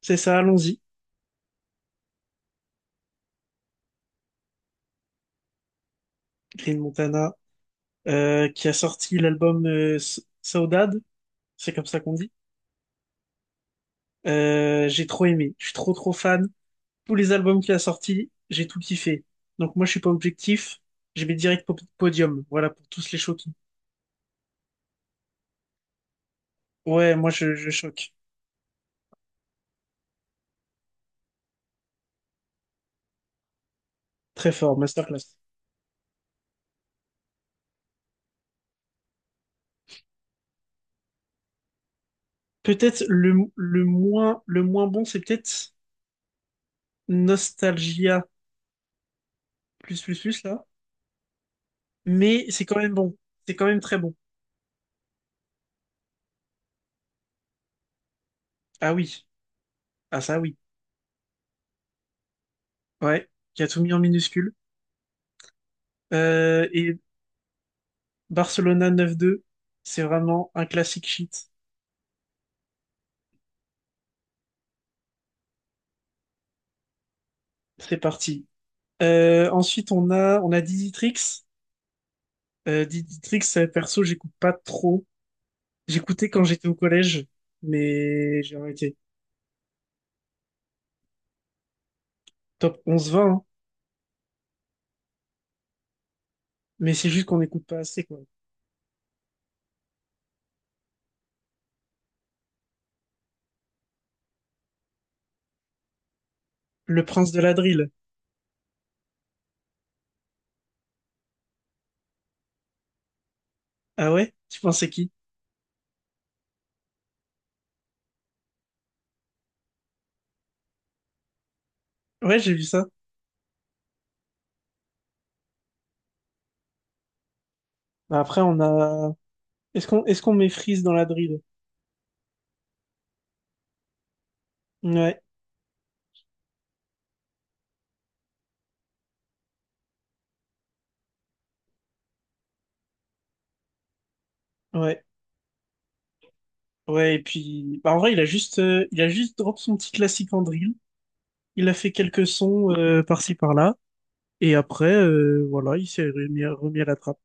C'est ça, allons-y. Green Montana, qui a sorti l'album Saudade, c'est comme ça qu'on dit. J'ai trop aimé, je suis trop trop fan. Tous les albums qu'il a sortis, j'ai tout kiffé. Donc moi, je suis pas objectif, je mets direct podium, voilà, pour tous les choquer. Ouais, moi, je choque. Très fort, masterclass. Peut-être le moins, le moins bon, c'est peut-être Nostalgia plus plus plus, là. Mais c'est quand même bon, c'est quand même très bon. Ah oui, ah ça oui. Ouais, qui a tout mis en minuscule. Et Barcelona 9-2, c'est vraiment un classique shit. C'est parti. Ensuite, on a Diditrix. Diditrix, perso, j'écoute pas trop. J'écoutais quand j'étais au collège, mais j'ai arrêté. Top 11-20, hein. Mais c'est juste qu'on n'écoute pas assez, quoi. Le prince de la drill. Ah ouais? Tu pensais qui? Ouais, j'ai vu ça. Bah, après, on a... Est-ce qu'on met Freeze dans la drill? Ouais, ouais. Ouais, et puis... Bah, en vrai, il a juste drop son petit classique en drill. Il a fait quelques sons par-ci par-là, et après, voilà, il s'est remis à la trappe.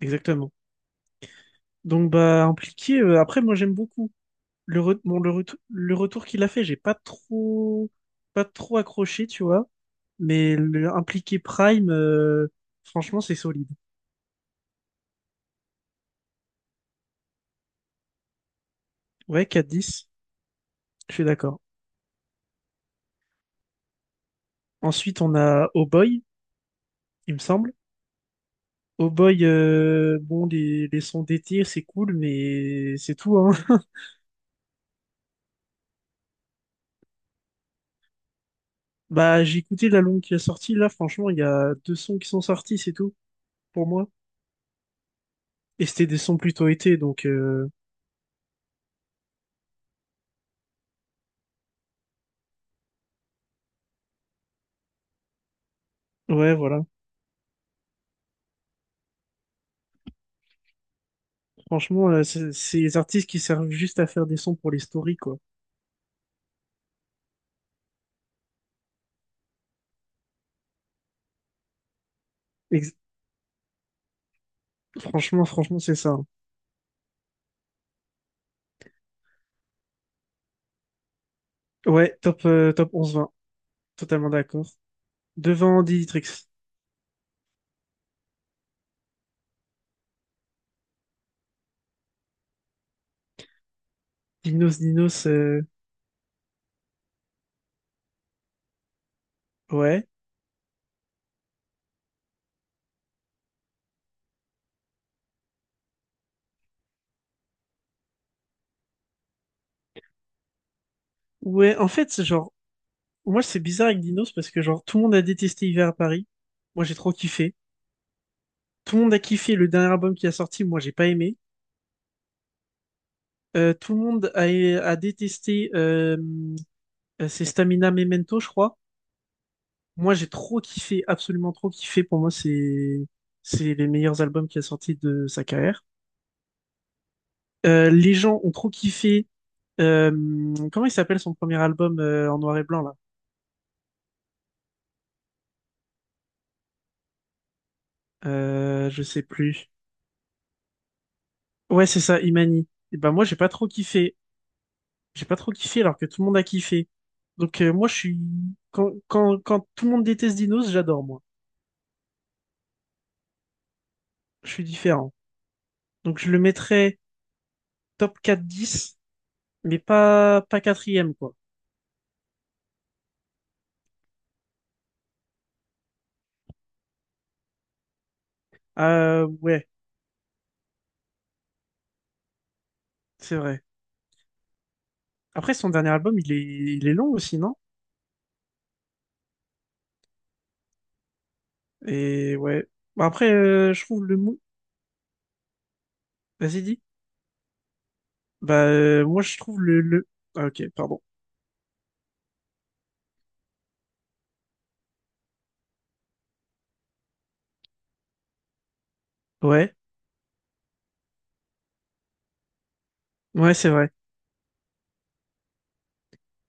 Exactement. Donc bah impliqué. Après, moi j'aime beaucoup le re- bon, le, retou- le retour qu'il a fait. J'ai pas trop accroché, tu vois. Mais le impliqué Prime, franchement, c'est solide. Ouais, 4-10. Je suis d'accord. Ensuite, on a Oh Boy, il me semble. Oh Boy, bon, les sons d'été, c'est cool, mais c'est tout, hein. Bah, j'ai écouté l'album qui est sorti, là, franchement, il y a deux sons qui sont sortis, c'est tout, pour moi. Et c'était des sons plutôt été, donc, ouais, voilà. Franchement, c'est les artistes qui servent juste à faire des sons pour les stories, quoi. Ex- franchement, c'est ça, hein. Ouais, top 11-20, totalement d'accord. Devant Dinitrix. Dinos, ouais. Ouais, en fait, c'est genre, moi, c'est bizarre avec Dinos, parce que, genre, tout le monde a détesté Hiver à Paris. Moi, j'ai trop kiffé. Tout le monde a kiffé le dernier album qui a sorti, moi, j'ai pas aimé. Tout le monde a détesté ses Stamina Memento, je crois. Moi, j'ai trop kiffé, absolument trop kiffé. Pour moi, c'est les meilleurs albums qu'il a sortis de sa carrière. Les gens ont trop kiffé. euh, Comment il s'appelle son premier album en noir et blanc là? Je sais plus. Ouais, c'est ça, Imani. Et ben moi, j'ai pas trop kiffé. J'ai pas trop kiffé alors que tout le monde a kiffé. Donc moi, je suis quand tout le monde déteste Dinos, j'adore moi. Je suis différent. Donc je le mettrais top 4-10, mais pas quatrième, quoi. Ouais, c'est vrai. Après, son dernier album, il est long aussi, non? Et ouais. Bah, après, je trouve le mou. Vas-y, dis. Bah, moi, je trouve le. Ah, ok, pardon. Ouais, ouais, c'est vrai.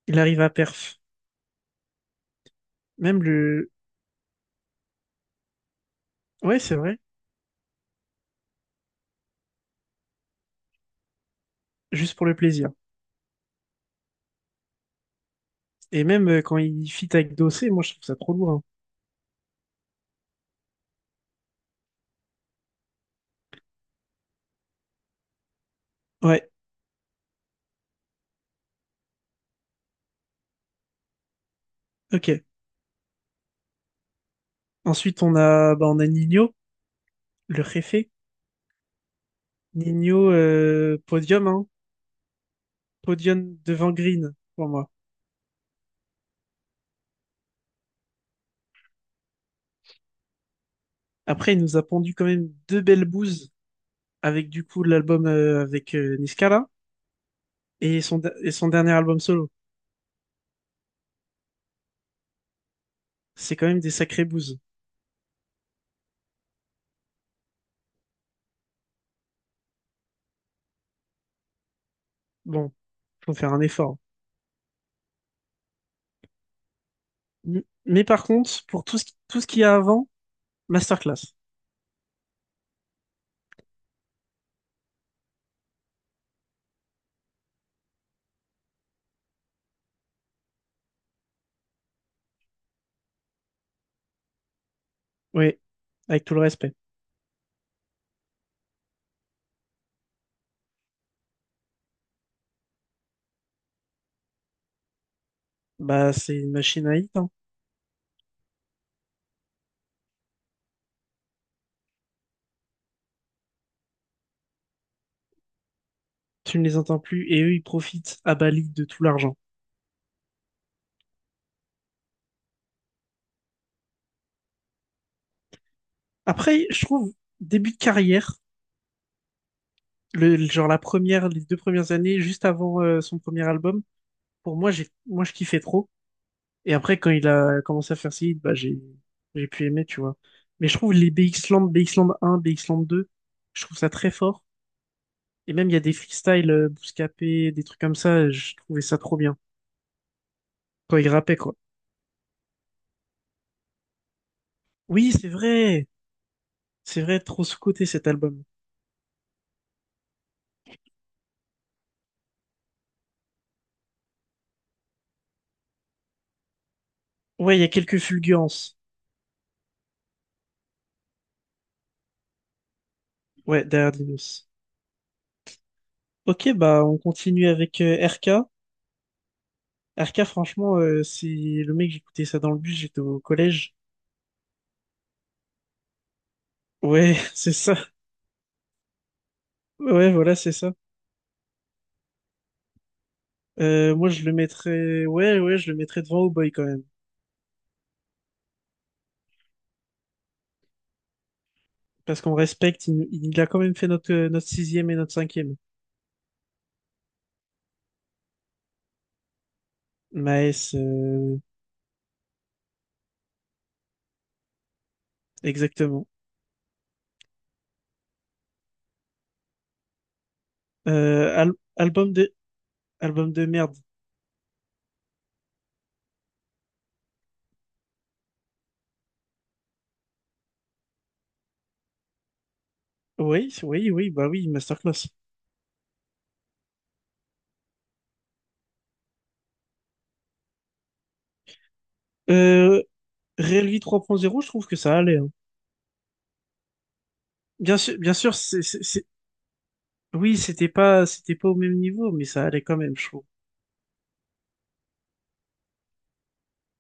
Il arrive à perf. Même le. Ouais, c'est vrai. Juste pour le plaisir. Et même quand il fit avec Dossé, moi, je trouve ça trop lourd, hein. Ouais, ok. Ensuite, bah, on a Nino, le réfé. Nino, podium, hein. Podium devant Green pour moi. Après, il nous a pondu quand même deux belles bouses avec du coup l'album avec Niskala et son dernier album solo. C'est quand même des sacrées bouses. Bon, faut faire un effort. Mais par contre, pour tout ce qu'il y a avant, masterclass. Oui, avec tout le respect. Bah, c'est une machine à hit, hein. Tu ne les entends plus et eux, ils profitent à Bali de tout l'argent. Après, je trouve, début de carrière, genre la première, les deux premières années, juste avant son premier album, pour moi, moi, je kiffais trop. Et après, quand il a commencé à faire ses hits, bah, j'ai pu aimer, tu vois. Mais je trouve les B X Land, B X X un, B X BXland 2, je trouve ça très fort. Et même, il y a des freestyles, Bouscapé, des trucs comme ça, je trouvais ça trop bien. Quand il rappait, quoi. Oui, c'est vrai! C'est vrai, trop sous-coté cet album. Ouais, il y a quelques fulgurances. Ouais, derrière Dinos. Ok, bah, on continue avec RK. RK, franchement, c'est le mec, j'écoutais ça dans le bus, j'étais au collège. Ouais, c'est ça. Ouais, voilà, c'est ça. Moi, ouais, ouais, je le mettrais devant O'Boy quand même. Parce qu'on respecte, il a quand même fait notre sixième et notre cinquième. Maes, exactement. Euh, al- album de, album de merde. Oui, oui, oui, bah oui, masterclass. Euh, Relvi trois Vie zéro, je trouve que ça allait, hein. Bien sûr, oui, c'était pas au même niveau, mais ça allait quand même, je trouve.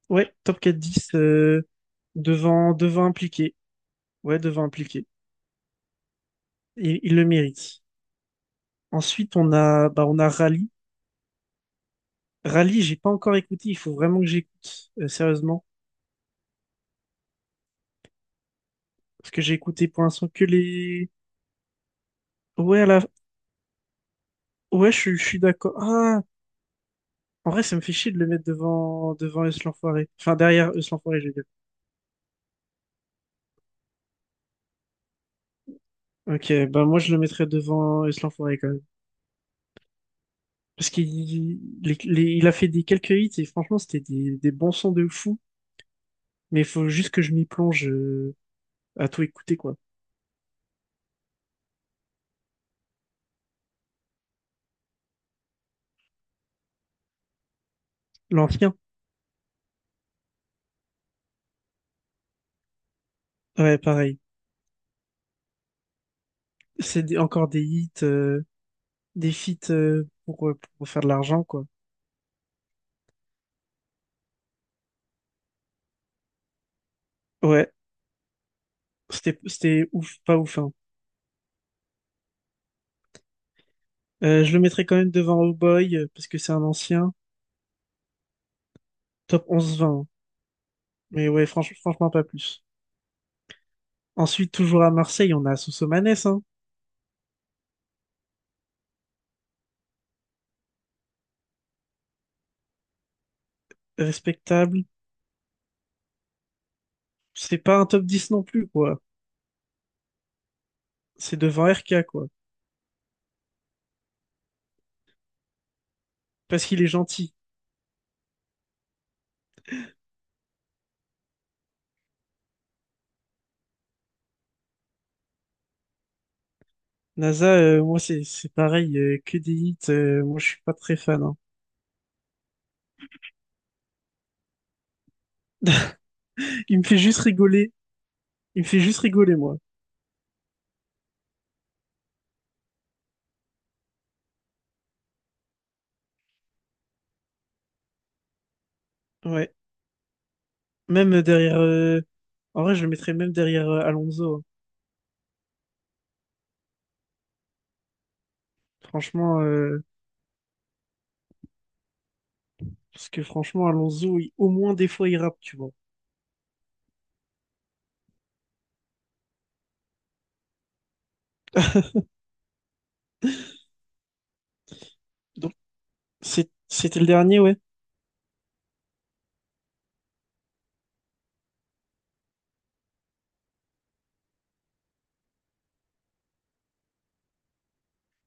Ouais, top 4-10 devant impliqué. Ouais, devant impliqué. Il le mérite. Ensuite, bah, on a Rally. Rally, j'ai pas encore écouté. Il faut vraiment que j'écoute, sérieusement. Parce que j'ai écouté pour l'instant que les. Ouais, à la... ouais, je suis d'accord. Ah, en vrai, ça me fait chier de le mettre devant Eus l'Enfoiré. Enfin, derrière Eus l'Enfoiré, je veux dire. Ok, bah, moi, je le mettrais devant Eus l'Enfoiré quand même. Parce qu'il il a fait des quelques hits et franchement, c'était des bons sons de fou. Mais il faut juste que je m'y plonge à tout écouter, quoi. L'ancien, ouais, pareil. C'est encore des hits. Des feats pour faire de l'argent, quoi. Ouais. C'était ouf, pas ouf, hein. Je le mettrais quand même devant Oh Boy, parce que c'est un ancien. Top 11-20, hein. Mais ouais, franchement, pas plus. Ensuite, toujours à Marseille, on a Sosomanes, hein. Respectable. C'est pas un top 10 non plus, quoi. C'est devant RK, quoi. Parce qu'il est gentil. NASA, moi, c'est, pareil, que des hits. Moi, je suis pas très fan, hein. Il me fait juste rigoler. Il me fait juste rigoler, moi. Ouais. Même derrière en vrai, je le mettrais même derrière Alonso, hein. Franchement, parce que franchement, Alonso, au moins des fois, il rappe, tu vois. Donc, c'était le dernier, ouais.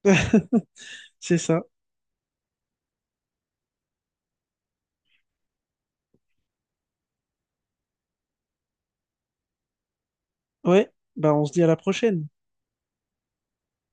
C'est ça. Ouais, bah on se dit à la prochaine.